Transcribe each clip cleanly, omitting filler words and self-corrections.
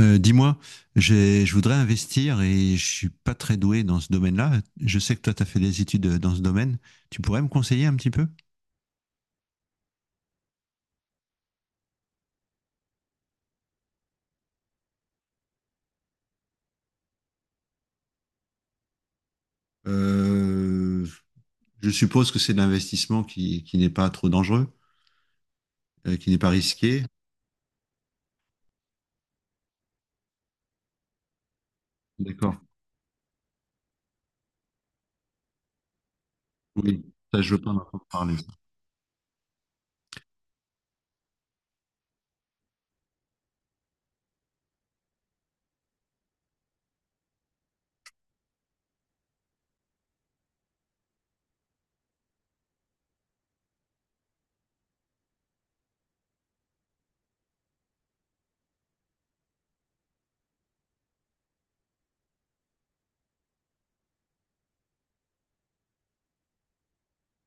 Dis-moi, je voudrais investir et je suis pas très doué dans ce domaine-là. Je sais que toi, tu as fait des études dans ce domaine. Tu pourrais me conseiller un petit peu? Euh, je suppose que c'est de l'investissement qui n'est pas trop dangereux, qui n'est pas risqué. D'accord. Oui, ça, je veux pas m'entendre parler, ça.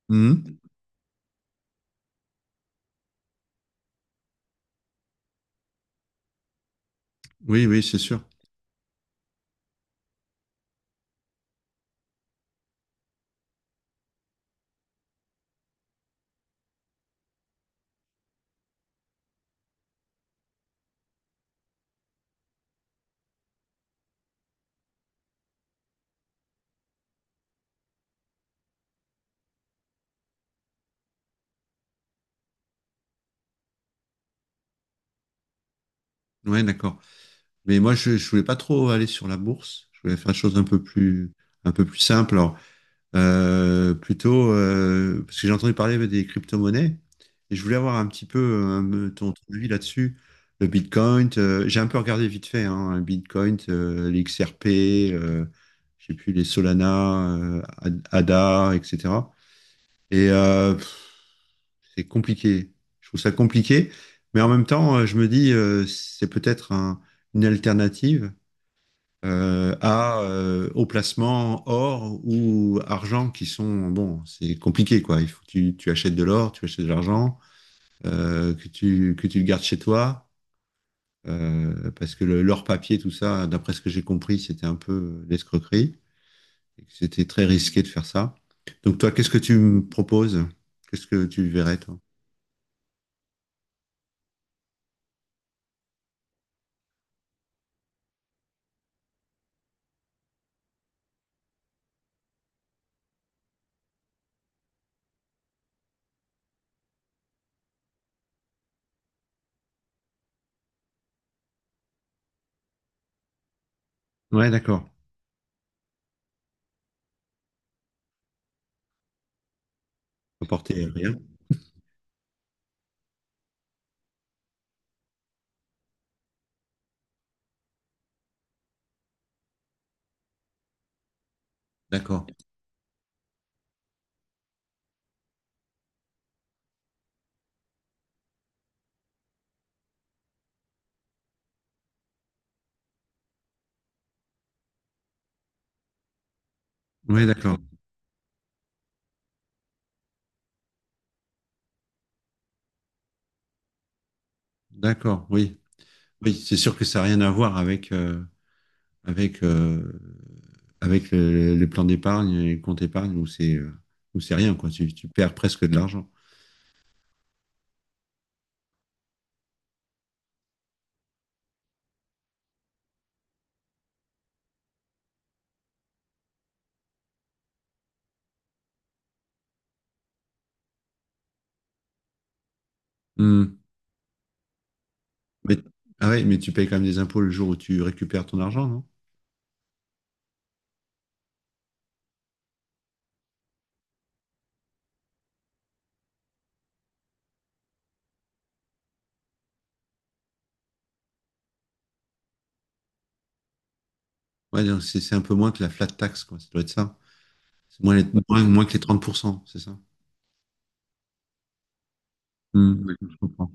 Mhm. Oui, oui, c'est sûr. Oui, d'accord. Mais moi, je voulais pas trop aller sur la bourse. Je voulais faire des choses un peu plus simples. Plutôt, parce que j'ai entendu parler des crypto-monnaies et je voulais avoir un petit peu ton avis là-dessus. Le Bitcoin, j'ai un peu regardé vite fait, hein, le Bitcoin, les XRP, euh, j'ai plus les Solana, ADA, etc. Et c'est compliqué. Je trouve ça compliqué, mais en même temps, je me dis, c'est peut-être une alternative au placement or ou argent qui sont, bon, c'est compliqué, quoi. Il faut que tu achètes de l'or, tu achètes de l'argent, que tu le gardes chez toi, parce que l'or papier, tout ça, d'après ce que j'ai compris, c'était un peu l'escroquerie, et que c'était très risqué de faire ça. Donc toi, qu'est-ce que tu me proposes? Qu'est-ce que tu verrais, toi? Ouais, d'accord. Apporter rien. D'accord. Ouais, d'accord. D'accord, oui. Oui, c'est sûr que ça n'a rien à voir avec, euh, avec les plans d'épargne et les comptes épargne où c'est rien, quoi. Tu perds presque de l'argent. Hmm. Mais, ah ouais, mais tu payes quand même des impôts le jour où tu récupères ton argent, non? Ouais, donc c'est un peu moins que la flat tax, quoi. Ça doit être ça. C'est moins que les 30%, c'est ça? Hmm. Ouais, je comprends.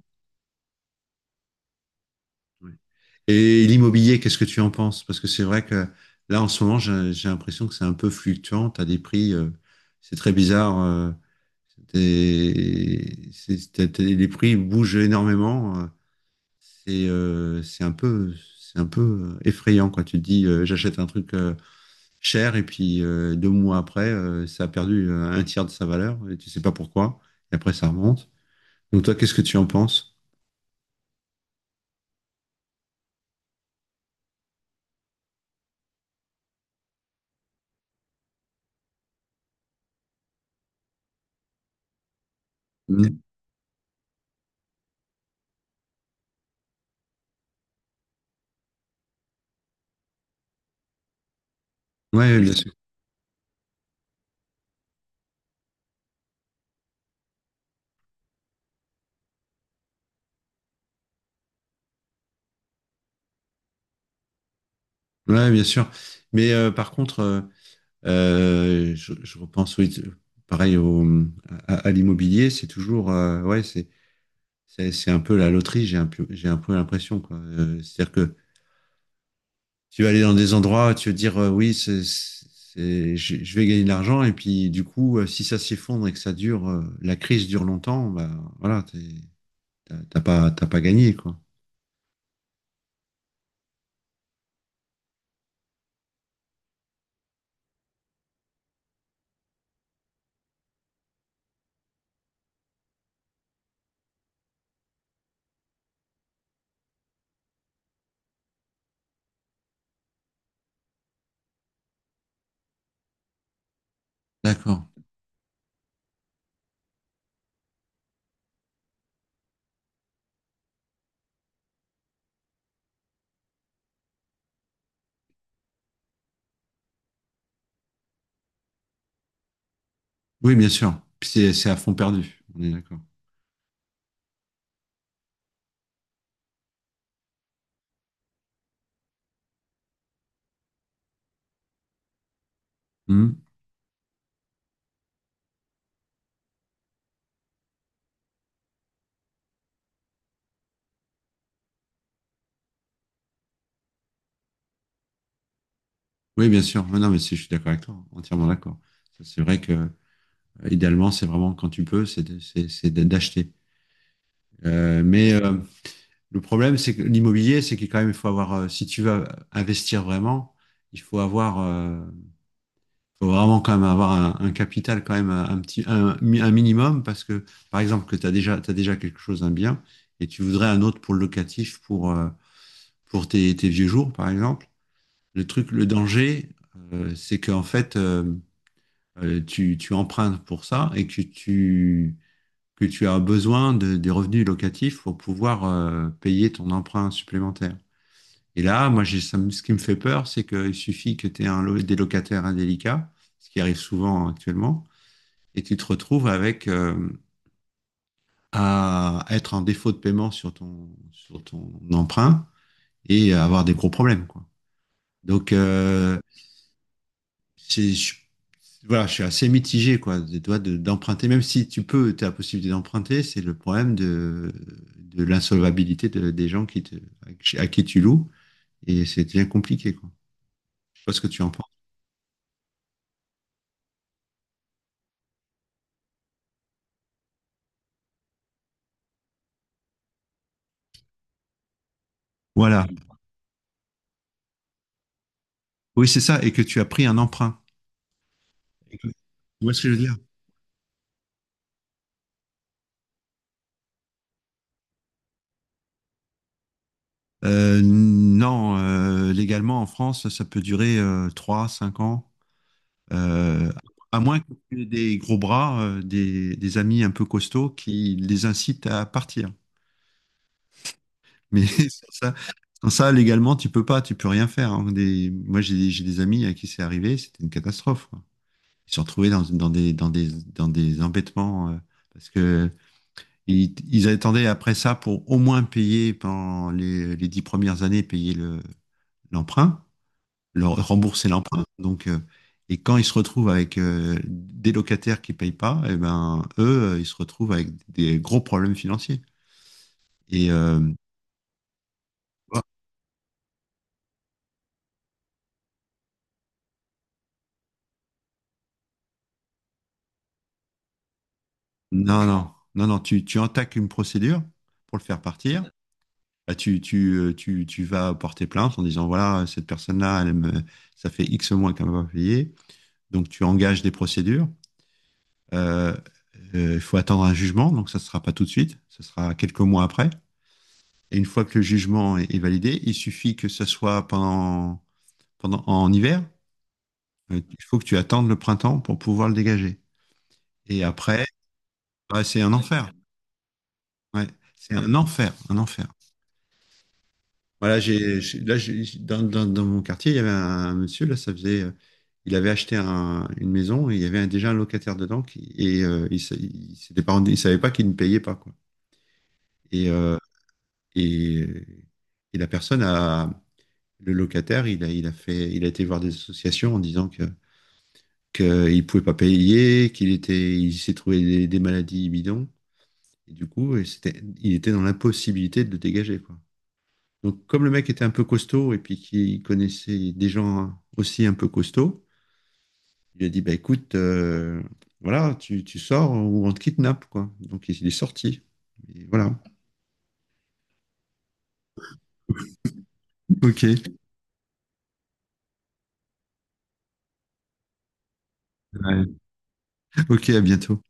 Ouais. Et l'immobilier, qu'est-ce que tu en penses? Parce que c'est vrai que là, en ce moment, j'ai l'impression que c'est un peu fluctuant. Tu as des prix, c'est très bizarre. Les prix bougent énormément. C'est un peu effrayant quand tu te dis j'achète un truc cher et puis 2 mois après, ça a perdu un tiers de sa valeur et tu sais pas pourquoi. Et après, ça remonte. Donc toi, qu'est-ce que tu en penses? Mm. Ouais, bien sûr. Ouais, bien sûr. Mais par contre, je repense, oui, pareil à l'immobilier, c'est toujours, ouais, c'est un peu la loterie, j'ai un peu l'impression, quoi. C'est-à-dire que tu vas aller dans des endroits, tu vas dire, oui, je vais gagner de l'argent, et puis du coup, si ça s'effondre et que ça dure, la crise dure longtemps, bah voilà, t'as pas gagné, quoi. D'accord. Oui, bien sûr. Puis c'est à fond perdu, on est d'accord. Mhm. Oui, bien sûr. Ouais, non, mais je suis d'accord avec toi, entièrement d'accord. Ça, c'est vrai que idéalement, c'est vraiment quand tu peux, c'est de- d'acheter. Mais le problème, c'est que l'immobilier, c'est qu'il quand même, il faut avoir, si tu veux investir vraiment, il faut avoir, euh, faut vraiment quand même avoir un capital quand même un petit, un minimum parce que, par exemple, que tu as déjà, t'as déjà quelque chose, un bien, et tu voudrais un autre pour le locatif, pour tes vieux jours, par exemple. Le truc, le danger, c'est qu'en fait, tu empruntes pour ça et que tu as besoin des revenus locatifs pour pouvoir payer ton emprunt supplémentaire. Et là, moi, ce qui me fait peur, c'est qu'il suffit que tu aies des locataires indélicats, ce qui arrive souvent actuellement, et tu te retrouves avec à être en défaut de paiement sur ton emprunt et avoir des gros problèmes, quoi. Donc, c'est- je Voilà, je suis assez mitigé, quoi, d'emprunter, même si tu peux, tu as la possibilité d'emprunter, c'est le problème de l'insolvabilité des gens qui à qui tu loues, et c'est bien compliqué, quoi. Je sais pas ce que tu en penses. Voilà. Oui, c'est ça, et que tu as pris un emprunt. Tu vois ce que je veux dire? Non, légalement, en France, ça peut durer 3, 5 ans, euh, à moins que tu aies des gros bras, des amis un peu costauds qui les incitent à partir. Mais sans ça, légalement, tu peux rien faire, hein. Moi, j'ai des amis à qui c'est arrivé, c'était une catastrophe, quoi. Ils se sont retrouvés dans des embêtements parce que ils attendaient après ça pour au moins payer pendant les 10 premières années, l'emprunt, leur rembourser l'emprunt. Donc, et quand ils se retrouvent avec des locataires qui payent pas, eh ben eux, ils se retrouvent avec des gros problèmes financiers. Et euh, Non, non, non, non, tu entaques une procédure pour le faire partir. Bah, tu vas porter plainte en disant, voilà, cette personne-là, ça fait X mois qu'elle m'a pas payé. Donc, tu engages des procédures. Euh, Il faut attendre un jugement, donc ça ne sera pas tout de suite, ce sera quelques mois après. Et une fois que le jugement est validé, il suffit que ce soit en hiver. Il faut que tu attendes le printemps pour pouvoir le dégager. Et après, bah, c'est un enfer. Ouais, c'est un enfer, un enfer. Voilà, dans mon quartier, il y avait monsieur, là, ça faisait, il avait acheté une maison et il y avait déjà un locataire dedans qui, et il, sa- il s'était pas rendu- il savait pas qu'il ne payait pas, quoi. Et, euh, et, et la personne le locataire, il a été voir des associations en disant qu'il pouvait pas payer, il s'est trouvé des maladies bidons. Et du coup, il était dans l'impossibilité de le dégager, quoi. Donc, comme le mec était un peu costaud et puis qu'il connaissait des gens aussi un peu costauds, il lui a dit, bah écoute, voilà, tu sors ou on te kidnappe, quoi. Donc, il est sorti. Et voilà. Ok. Ouais. Ok, à bientôt.